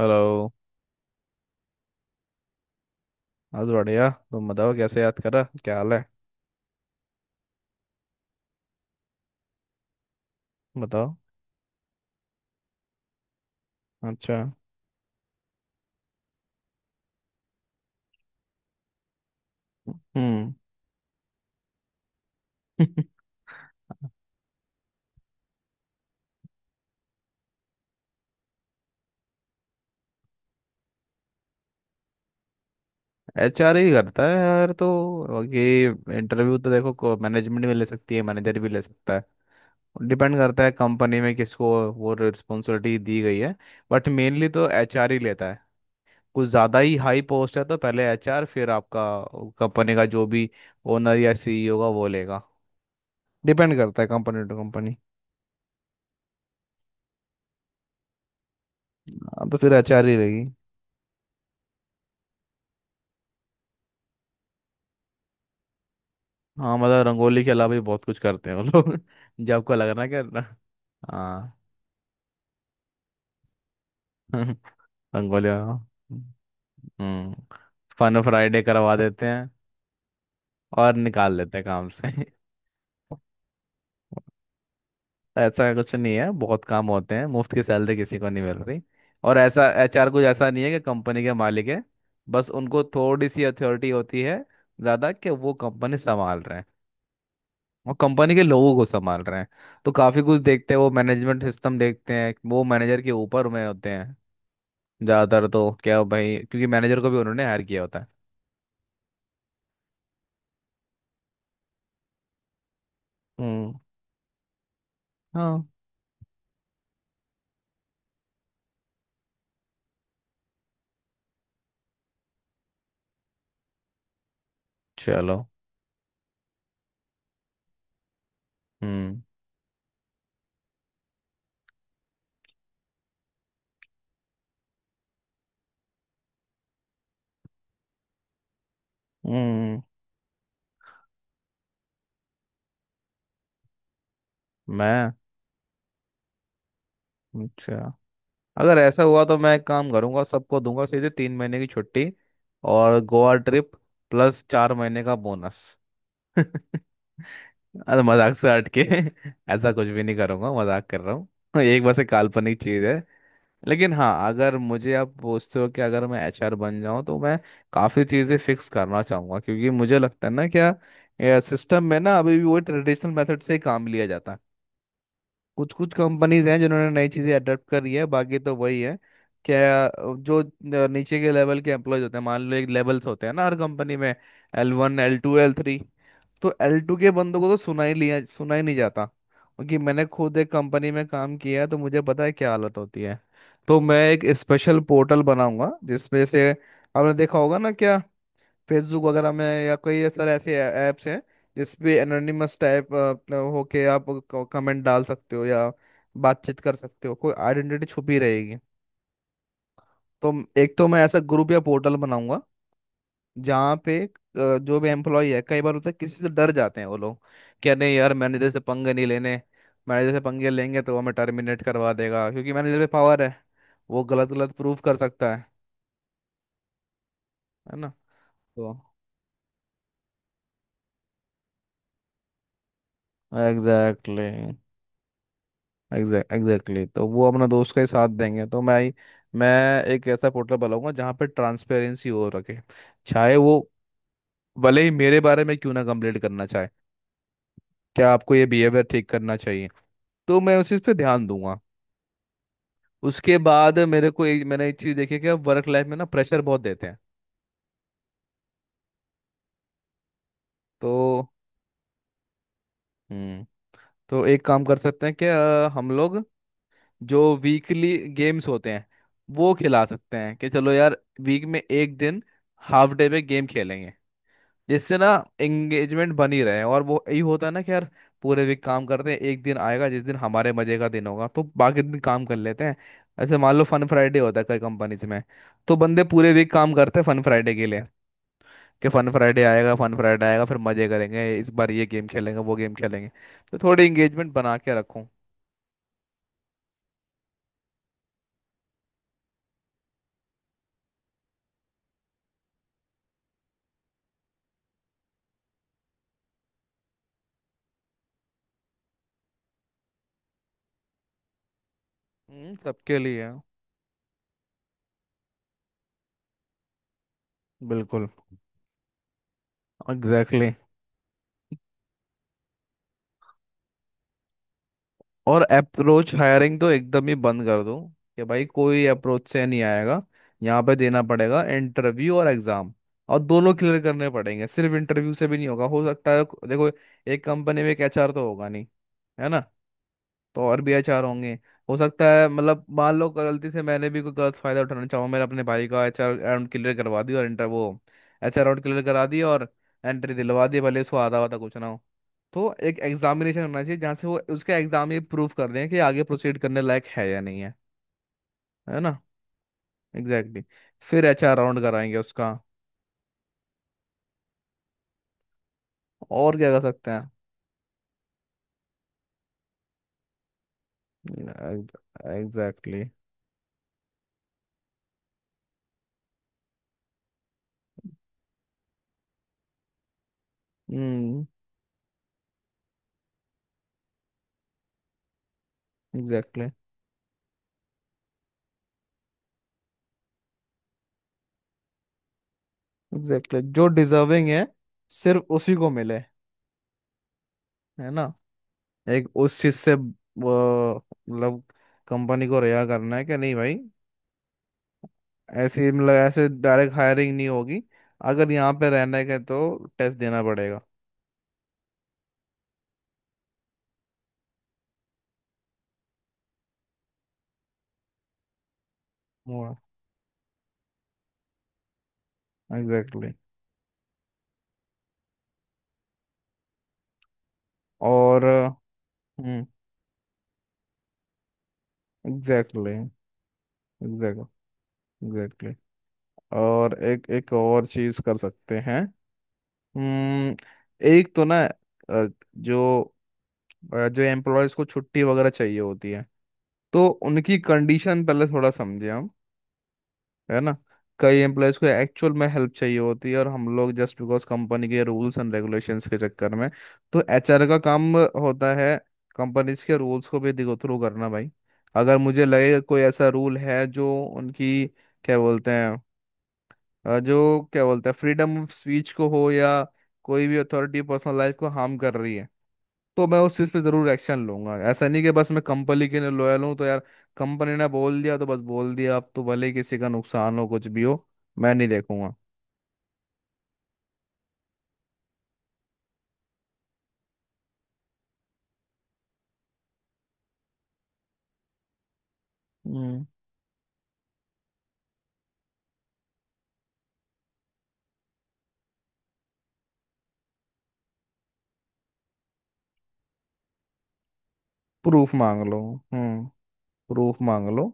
Hello. आज बढ़िया। तुम बताओ कैसे, याद करा, क्या हाल है? बताओ। अच्छा। हम्म। एच आर ही करता है यार, तो ये इंटरव्यू तो देखो मैनेजमेंट भी ले सकती है, मैनेजर भी ले सकता है। डिपेंड करता है कंपनी में किसको वो रिस्पॉन्सिबिलिटी दी गई है। बट मेनली तो एच आर ही लेता है। कुछ ज़्यादा ही हाई पोस्ट है तो पहले एच आर, फिर आपका कंपनी का जो भी ओनर या सी ई ओ का, वो लेगा। डिपेंड करता है कंपनी टू कंपनी। हाँ, तो फिर एच आर ही रहेगी। हाँ, मतलब रंगोली के अलावा भी बहुत कुछ करते हैं वो लोग। जब आपको लग रहा है कि हाँ। रंगोली हाँ। हम्म। फन फ्राइडे करवा देते हैं और निकाल लेते हैं काम से। ऐसा कुछ नहीं है, बहुत काम होते हैं, मुफ्त की सैलरी किसी को नहीं मिल रही। और ऐसा एचआर कुछ ऐसा नहीं है कि कंपनी के मालिक है, बस उनको थोड़ी सी अथॉरिटी होती है ज़्यादा कि वो कंपनी संभाल रहे हैं और कंपनी के लोगों को संभाल रहे हैं। तो काफी कुछ देखते हैं वो, मैनेजमेंट सिस्टम देखते हैं वो, मैनेजर के ऊपर में होते हैं ज्यादातर तो, क्या भाई, क्योंकि मैनेजर को भी उन्होंने हायर किया होता है। हम्म। हाँ। चलो। हम्म। हम्म। मैं, अच्छा, अगर ऐसा हुआ तो मैं एक काम करूंगा, सबको दूंगा सीधे 3 महीने की छुट्टी और गोवा ट्रिप प्लस 4 महीने का बोनस। अरे मजाक से हट के ऐसा कुछ भी नहीं करूंगा, मजाक कर रहा हूँ। एक, बस एक काल्पनिक चीज है। लेकिन हाँ, अगर मुझे आप पूछते हो कि अगर मैं एचआर बन जाऊं, तो मैं काफ़ी चीज़ें फिक्स करना चाहूंगा क्योंकि मुझे लगता है ना क्या, सिस्टम में ना अभी भी वो ट्रेडिशनल मेथड से ही काम लिया जाता है। कुछ कुछ कंपनीज हैं जिन्होंने नई चीजें अडॉप्ट करी है, बाकी तो वही है। क्या, जो नीचे के लेवल के एम्प्लॉयज होते हैं, मान लो एक लेवल्स होते हैं ना हर कंपनी में, L1 L2 L3। तो L2 के बंदों को तो सुना ही लिया, सुना ही नहीं जाता, क्योंकि मैंने खुद एक कंपनी में काम किया है तो मुझे पता है क्या हालत होती है। तो मैं एक स्पेशल पोर्टल बनाऊंगा जिसमें से, आपने देखा होगा ना क्या, फेसबुक वगैरह में या कोई ऐसा, ऐसे ऐप्स हैं जिसपे एनोनिमस टाइप होके आप कमेंट डाल सकते हो या बातचीत कर सकते हो, कोई आइडेंटिटी छुपी रहेगी। तो एक तो मैं ऐसा ग्रुप या पोर्टल बनाऊंगा जहाँ पे जो भी एम्प्लॉय है, कई बार होता है किसी से डर जाते हैं वो लोग, क्या, नहीं यार मैनेजर से पंगे नहीं लेने, मैनेजर से पंगे लेंगे तो वो हमें टर्मिनेट करवा देगा क्योंकि मैनेजर पे पावर है, वो गलत गलत प्रूफ कर सकता है ना। तो एग्जैक्टली, एग्जैक्टली, तो वो अपना दोस्त का ही साथ देंगे। तो मैं एक ऐसा पोर्टल बनाऊंगा जहाँ पे ट्रांसपेरेंसी हो रखे, चाहे वो, भले ही मेरे बारे में क्यों ना कंप्लेंट करना चाहे क्या आपको ये बिहेवियर ठीक करना चाहिए, तो मैं उस चीज़ पे ध्यान दूंगा। उसके बाद मेरे को एक, मैंने एक चीज़ देखी है कि अब वर्क लाइफ में ना प्रेशर बहुत देते हैं। तो हम्म, तो एक काम कर सकते हैं कि हम लोग जो वीकली गेम्स होते हैं वो खिला सकते हैं कि चलो यार वीक में एक दिन हाफ डे पे गेम खेलेंगे। इससे ना एंगेजमेंट बनी रहे, और वो यही होता है ना कि यार पूरे वीक काम करते हैं, एक दिन आएगा जिस दिन हमारे मजे का दिन होगा तो बाकी दिन काम कर लेते हैं। ऐसे मान लो फन फ्राइडे होता है कई कंपनीज में, तो बंदे पूरे वीक काम करते हैं फन फ्राइडे के लिए कि फन फ्राइडे आएगा, फन फ्राइडे आएगा, फिर मजे करेंगे, इस बार ये गेम खेलेंगे, वो गेम खेलेंगे। तो थोड़ी एंगेजमेंट बना के रखूं। सबके लिए। बिल्कुल, एग्जैक्टली। और अप्रोच हायरिंग तो एकदम ही बंद कर दो कि भाई कोई अप्रोच से नहीं आएगा, यहाँ पे देना पड़ेगा इंटरव्यू और एग्जाम, और दोनों क्लियर करने पड़ेंगे, सिर्फ इंटरव्यू से भी नहीं होगा। हो सकता है देखो, एक कंपनी में एक एचआर तो होगा नहीं, है ना, तो और भी एचआर होंगे। हो सकता है मतलब, मान लो गलती से मैंने भी कोई गलत फायदा उठाना चाहूँ, मैंने अपने भाई का एचआर राउंड क्लियर करवा दिया और इंटर वो एचआर राउंड क्लियर करा दिया और एंट्री दिलवा दी, भले उसको आधा आधा कुछ ना हो। तो एक एग्जामिनेशन होना चाहिए जहाँ से वो उसका एग्जाम ये प्रूव कर दें कि आगे प्रोसीड करने लायक है या नहीं है, है ना। Exactly, exactly. फिर एचआर राउंड कराएंगे उसका। और क्या कर सकते हैं। एग्जैक्टली। हम्म। एग्जैक्टली, एग्जैक्टली जो डिजर्विंग है, सिर्फ उसी को मिले, है ना। एक उस चीज से वो, मतलब कंपनी को रिहा करना है कि नहीं भाई ऐसे, मतलब ऐसे डायरेक्ट हायरिंग नहीं होगी, अगर यहाँ पे रहने के तो टेस्ट देना पड़ेगा। एग्जैक्टली। और हम्म, एग्जैक्टली, एग्जैक्ट, एग्जैक्टली। और एक एक और चीज कर सकते हैं। हम्म। एक तो ना जो जो एम्प्लॉयज को छुट्टी वगैरह चाहिए होती है, तो उनकी कंडीशन पहले थोड़ा समझे हम, है ना। कई एम्प्लॉयज़ को एक्चुअल में हेल्प चाहिए होती है, और हम लोग जस्ट बिकॉज कंपनी के रूल्स एंड रेगुलेशंस के चक्कर में। तो एचआर का काम होता है कंपनीज के रूल्स को भी देखो थ्रू करना भाई। अगर मुझे लगे कोई ऐसा रूल है जो उनकी क्या बोलते हैं जो क्या बोलते हैं फ्रीडम ऑफ स्पीच को हो, या कोई भी अथॉरिटी पर्सनल लाइफ को हार्म कर रही है, तो मैं उस चीज़ पे ज़रूर एक्शन लूंगा। ऐसा नहीं कि बस मैं कंपनी के लिए लॉयल हूँ तो यार कंपनी ने बोल दिया तो बस बोल दिया, अब तो भले ही किसी का नुकसान हो कुछ भी हो, मैं नहीं देखूंगा। हम्म। प्रूफ मांग लो। हम्म। प्रूफ मांग लो।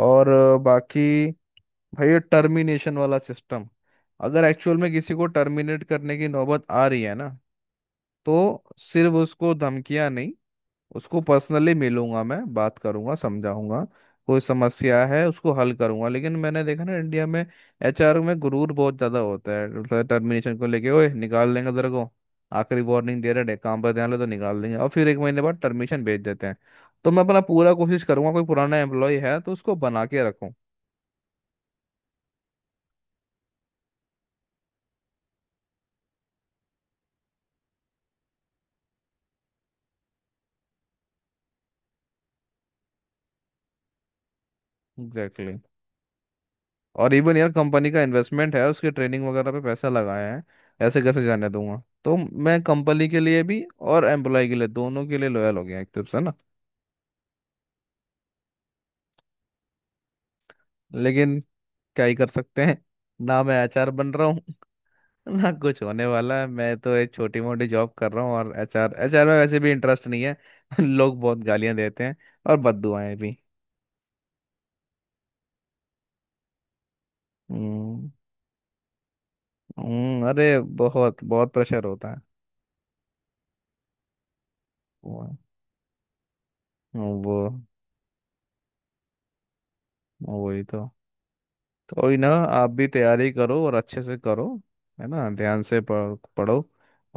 और बाकी भाई ये टर्मिनेशन वाला सिस्टम, अगर एक्चुअल में किसी को टर्मिनेट करने की नौबत आ रही है ना, तो सिर्फ उसको धमकियां नहीं, उसको पर्सनली मिलूंगा मैं, बात करूंगा, समझाऊंगा। कोई समस्या है उसको हल करूंगा। लेकिन मैंने देखा ना इंडिया में एचआर में गुरूर बहुत ज्यादा होता है, टर्मिनेशन को लेके, ओए निकाल देंगे तेरे को, आखिरी वार्निंग दे रहे हैं काम पर ध्यान ले तो निकाल देंगे, और फिर 1 महीने बाद टर्मिनेशन भेज देते हैं। तो मैं अपना पूरा कोशिश करूंगा, कोई पुराना एम्प्लॉय है तो उसको बना के रखूं। एग्जैक्टली। और इवन यार कंपनी का इन्वेस्टमेंट है, उसके ट्रेनिंग वगैरह पे पैसा लगाया है, ऐसे कैसे जाने दूंगा। तो मैं कंपनी के लिए भी और एम्प्लॉय के लिए, दोनों के लिए लॉयल हो गया एक तरफ से ना। लेकिन क्या ही कर सकते हैं, ना मैं एचआर बन रहा हूँ। ना कुछ होने वाला है, मैं तो एक छोटी मोटी जॉब कर रहा हूँ, और एचआर एचआर में वैसे भी इंटरेस्ट नहीं है। लोग बहुत गालियां देते हैं, और बददुआएं भी। हम्म। अरे बहुत बहुत प्रेशर होता है। वो वो वही तो। कोई ना, आप भी तैयारी करो और अच्छे से करो, है ना। ध्यान से पढ़ो।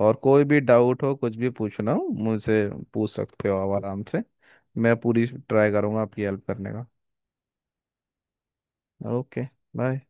और कोई भी डाउट हो, कुछ भी पूछना हो मुझसे पूछ सकते हो आप आराम से। मैं पूरी ट्राई करूंगा आपकी हेल्प करने का। ओके। बाय।